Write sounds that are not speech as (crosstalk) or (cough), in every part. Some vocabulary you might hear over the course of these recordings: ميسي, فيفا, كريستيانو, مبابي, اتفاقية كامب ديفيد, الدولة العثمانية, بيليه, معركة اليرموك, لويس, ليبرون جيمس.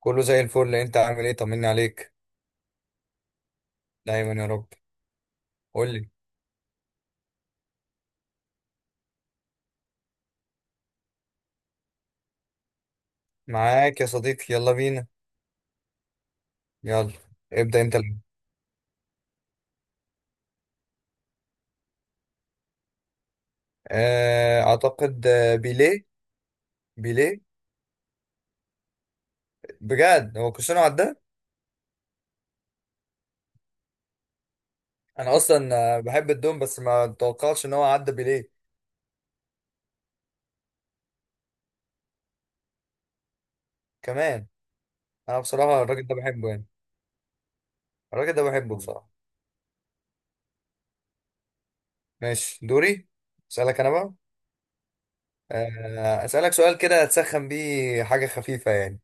كله زي الفل، انت عامل ايه؟ طمني عليك. دايما يا رب. قول لي. معاك يا صديقي، يلا بينا. يلا. ابدأ انت الأول. اعتقد بيليه. بيليه. بجد هو كريستيانو عداه؟ انا اصلا بحب الدوم بس ما توقعتش ان هو عدى بيليه. كمان. انا بصراحة الراجل ده بحبه يعني. الراجل ده بحبه بصراحة. ماشي، دوري. اسألك انا بقى. اسألك سؤال كده هتسخن بيه، حاجة خفيفة يعني.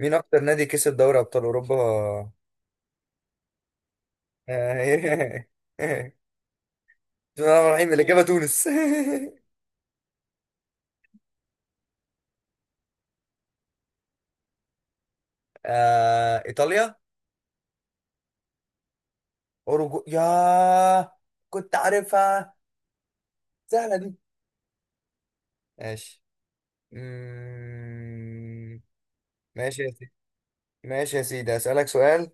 مين اكتر نادي كسب دوري ابطال اوروبا؟ آه، (laughs) بسم الله الرحمن الرحيم، الإجابة تونس. (laughs) إيطاليا. أوروجو يا. كنت عارفها. سهلة دي. ماشي. مم... ماشي يا سيدي. ماشي يا سيدي، أسألك سؤال.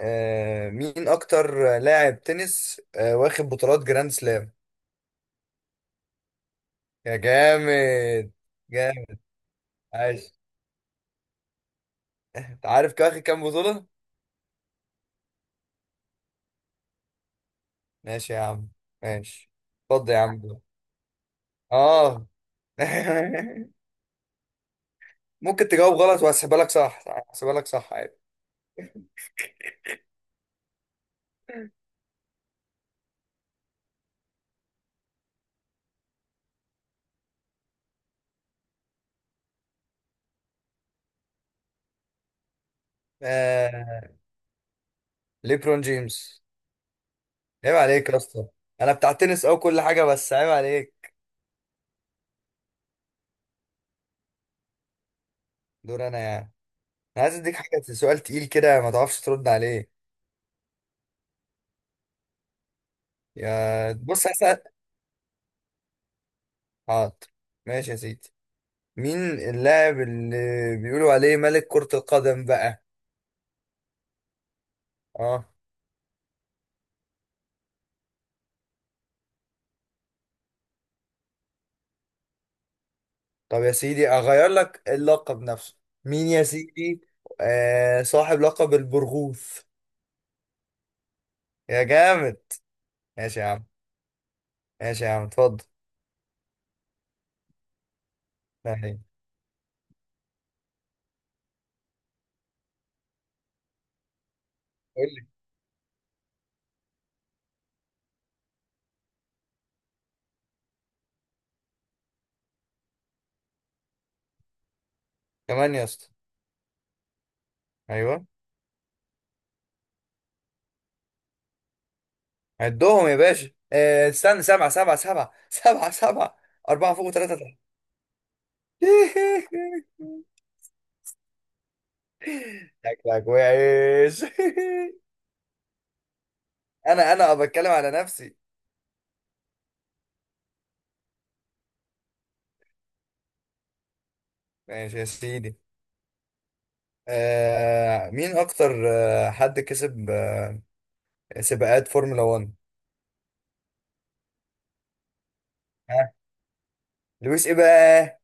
مين أكتر لاعب تنس واخد بطولات جراند سلام؟ يا جامد. جامد. عايش. أنت عارف كان واخد كام بطولة؟ ماشي يا عم. ماشي. اتفضل يا عم. آه (laughs) ممكن تجاوب غلط وهسيبها لك صح. هسيبها لك صح. آه... ليبرون جيمس. عيب عليك يا اسطى. انا بتاع تنس او كل حاجه، بس عيب عليك. دور انا يعني. انا عايز اديك حاجه، سؤال تقيل كده ما تعرفش ترد عليه. يا بص، هسأل. حاضر. ماشي يا سيدي. مين اللاعب اللي بيقولوا عليه ملك كرة القدم بقى؟ اه. طب يا سيدي اغير لك اللقب نفسه. مين يا سيدي؟ صاحب لقب البرغوث. يا جامد. ماشي يا عم. ماشي يا عم، اتفضل. يعني. قول لي. كمان يا اسطى. ايوه. عدهم يا باشا، استنى، سبعة سبعة سبعة سبعة سبعة، أربعة فوق وثلاثة تحت. (laughs) شكلك وحش. (laughs) أنا بتكلم على نفسي. ماشي يا سيدي. مين أكتر حد كسب سباقات فورمولا 1؟ ها. لويس إيه بقى؟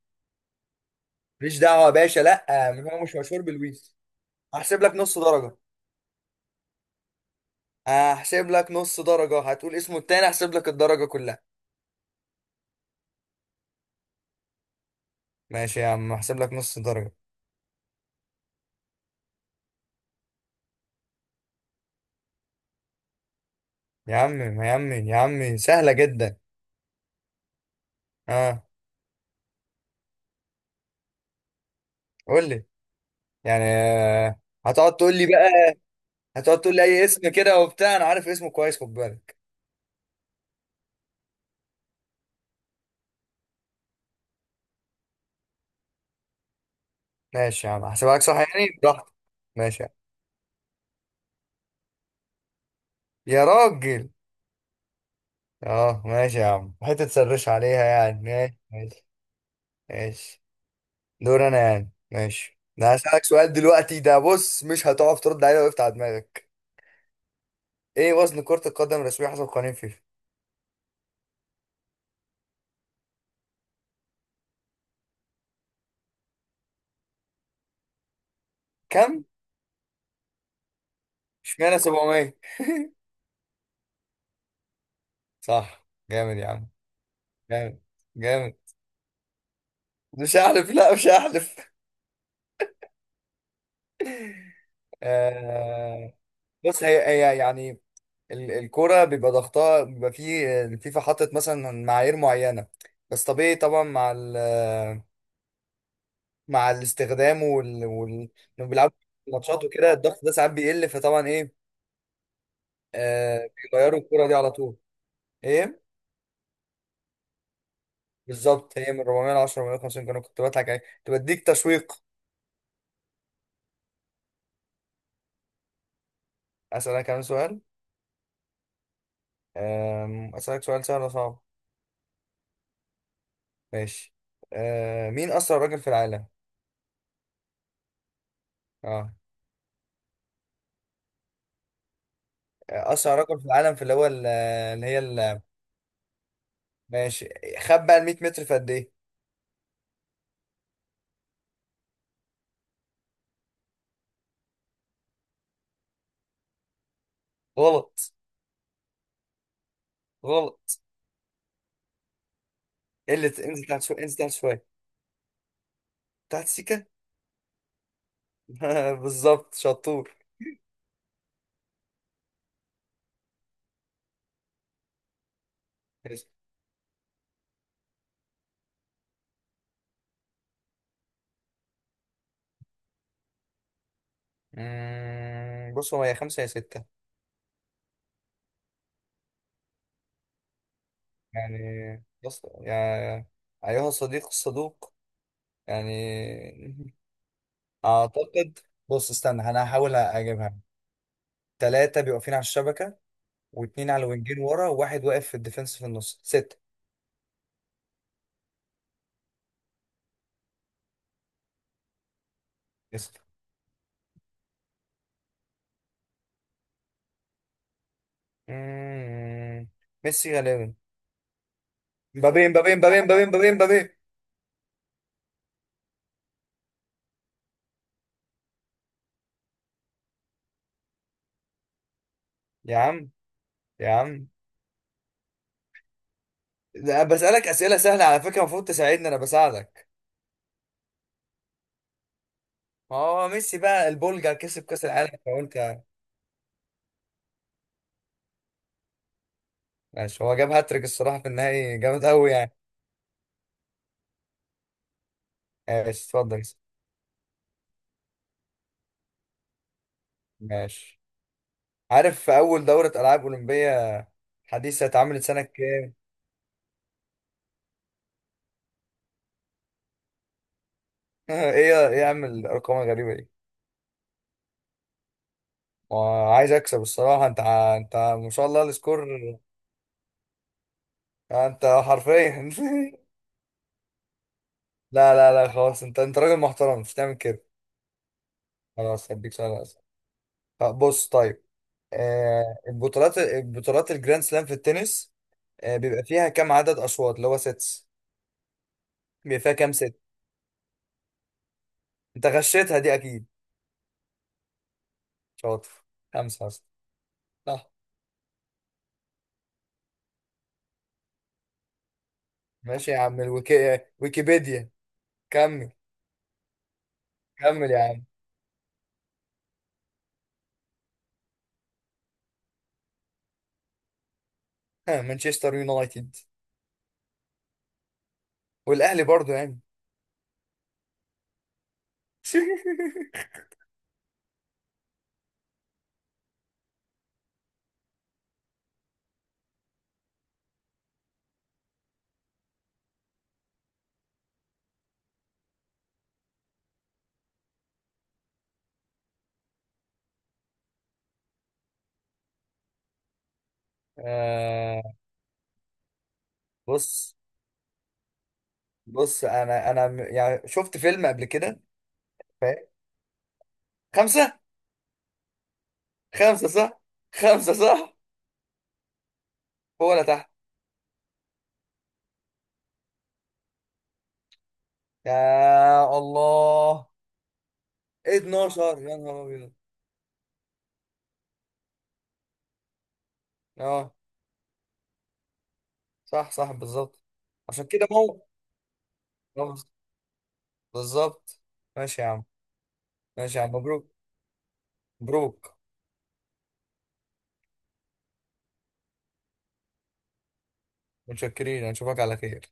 ماليش دعوة يا باشا، لأ. هو مش مشهور بلويس. هحسب لك نص درجة. هحسب لك نص درجة، هتقول اسمه التاني هحسب لك الدرجة كلها. ماشي يا عم، هحسب لك نص درجة. يا عم يا عم يا عم، سهلة جدا. اه. قول لي. يعني هتقعد تقول لي بقى؟ هتقعد تقول لي اي اسم كده وبتاع، انا عارف اسمه كويس، خد بالك. ماشي يا عم، هحسبها لك صح يعني، براحتك. ماشي يا عم. يا راجل. اه ماشي يا عم، حتة تسرش عليها يعني، ماشي ماشي. ماشي. دور انا يعني. ماشي انا هسألك سؤال دلوقتي، ده بص مش هتعرف ترد عليه لو وقفت على دماغك. ايه وزن كرة القدم الرسمية حسب قوانين فيفا؟ كم؟ اشمعنى 700؟ صح، جامد يا عم. جامد. جامد. مش هحلف، لا مش هحلف. آه بص، هي هي يعني، الكرة بيبقى ضغطها، بيبقى فيه الفيفا حاطط مثلا معايير معينة. بس طبيعي طبعا، مع ال، مع الاستخدام وال إنهم بيلعبوا ماتشات وكده الضغط ده ساعات بيقل، فطبعا ايه، آه بيغيروا الكرة دي على طول. ايه بالظبط، هي من 400 ل 10 450 كانوا، كنت بضحك عليه. كنت بديك تشويق. اسألك كمان سؤال. اسألك سؤال، سهل ولا صعب؟ ماشي. مين أسرع راجل في العالم؟ اه، أسرع راجل في العالم في اللي هو اللي هي ماشي. خد بقى ال 100 متر في قد إيه؟ غلط. غلط. انزل تحت شوية، انزل تحت شوية، تحت السكة. (laughs) بالظبط، شطور. ماشي. بص هو يا خمسة يا ستة. يعني، بص يا أيها الصديق الصدوق، يعني (laughs) أعتقد، بص استنى أنا هحاول أجيبها. تلاتة بيبقوا واقفين على الشبكة، واتنين على الوينجين ورا، وواحد واقف في الديفنس في النص، ستة. يس. مم. ميسي غالبا. مبابي مبابي مبابي مبابي مبابي مبابي. يا عم. يا عم ده أنا بسألك أسئلة سهلة على فكرة، المفروض تساعدني أنا بساعدك. ما هو ميسي بقى البولجا كسب كأس العالم، فقلت يعني. ماشي، هو جاب هاتريك الصراحة في النهائي، جامد أوي يعني. ماشي، اتفضل. ماشي. عارف في أول دورة ألعاب أولمبية حديثة اتعملت سنة كام؟ (laughs) إيه إيه يا عم الأرقام الغريبة دي؟ وعايز اكسب الصراحه انت انت ما شاء الله السكور. اه، انت حرفيا (laughs) لا لا لا، خلاص، انت راجل محترم مش تعمل كده. خلاص هديك سؤال أسهل. طب بص، طيب. البطولات الجراند سلام في التنس، بيبقى فيها كام عدد اشواط اللي هو سيتس؟ بيبقى فيها كام ست؟ انت غشيتها دي اكيد. شاطر. خمسة اصلا. صح. ماشي يا عم ويكيبيديا. كمل. كمل يا عم. (laughs) مانشستر يونايتد. والاهلي برضو يعني. (laughs) آه... بص بص انا يعني شفت فيلم قبل كده، فاهم، خمسة. خمسة صح. خمسة صح. فوق ولا تحت. يا الله. 12 يا نهار ابيض. اه، صح صح، بالظبط. عشان كده آه، بالظبط. ماشي يا عم. ماشي يا عم، مبروك. مبروك. متشكرين، اشوفك على خير.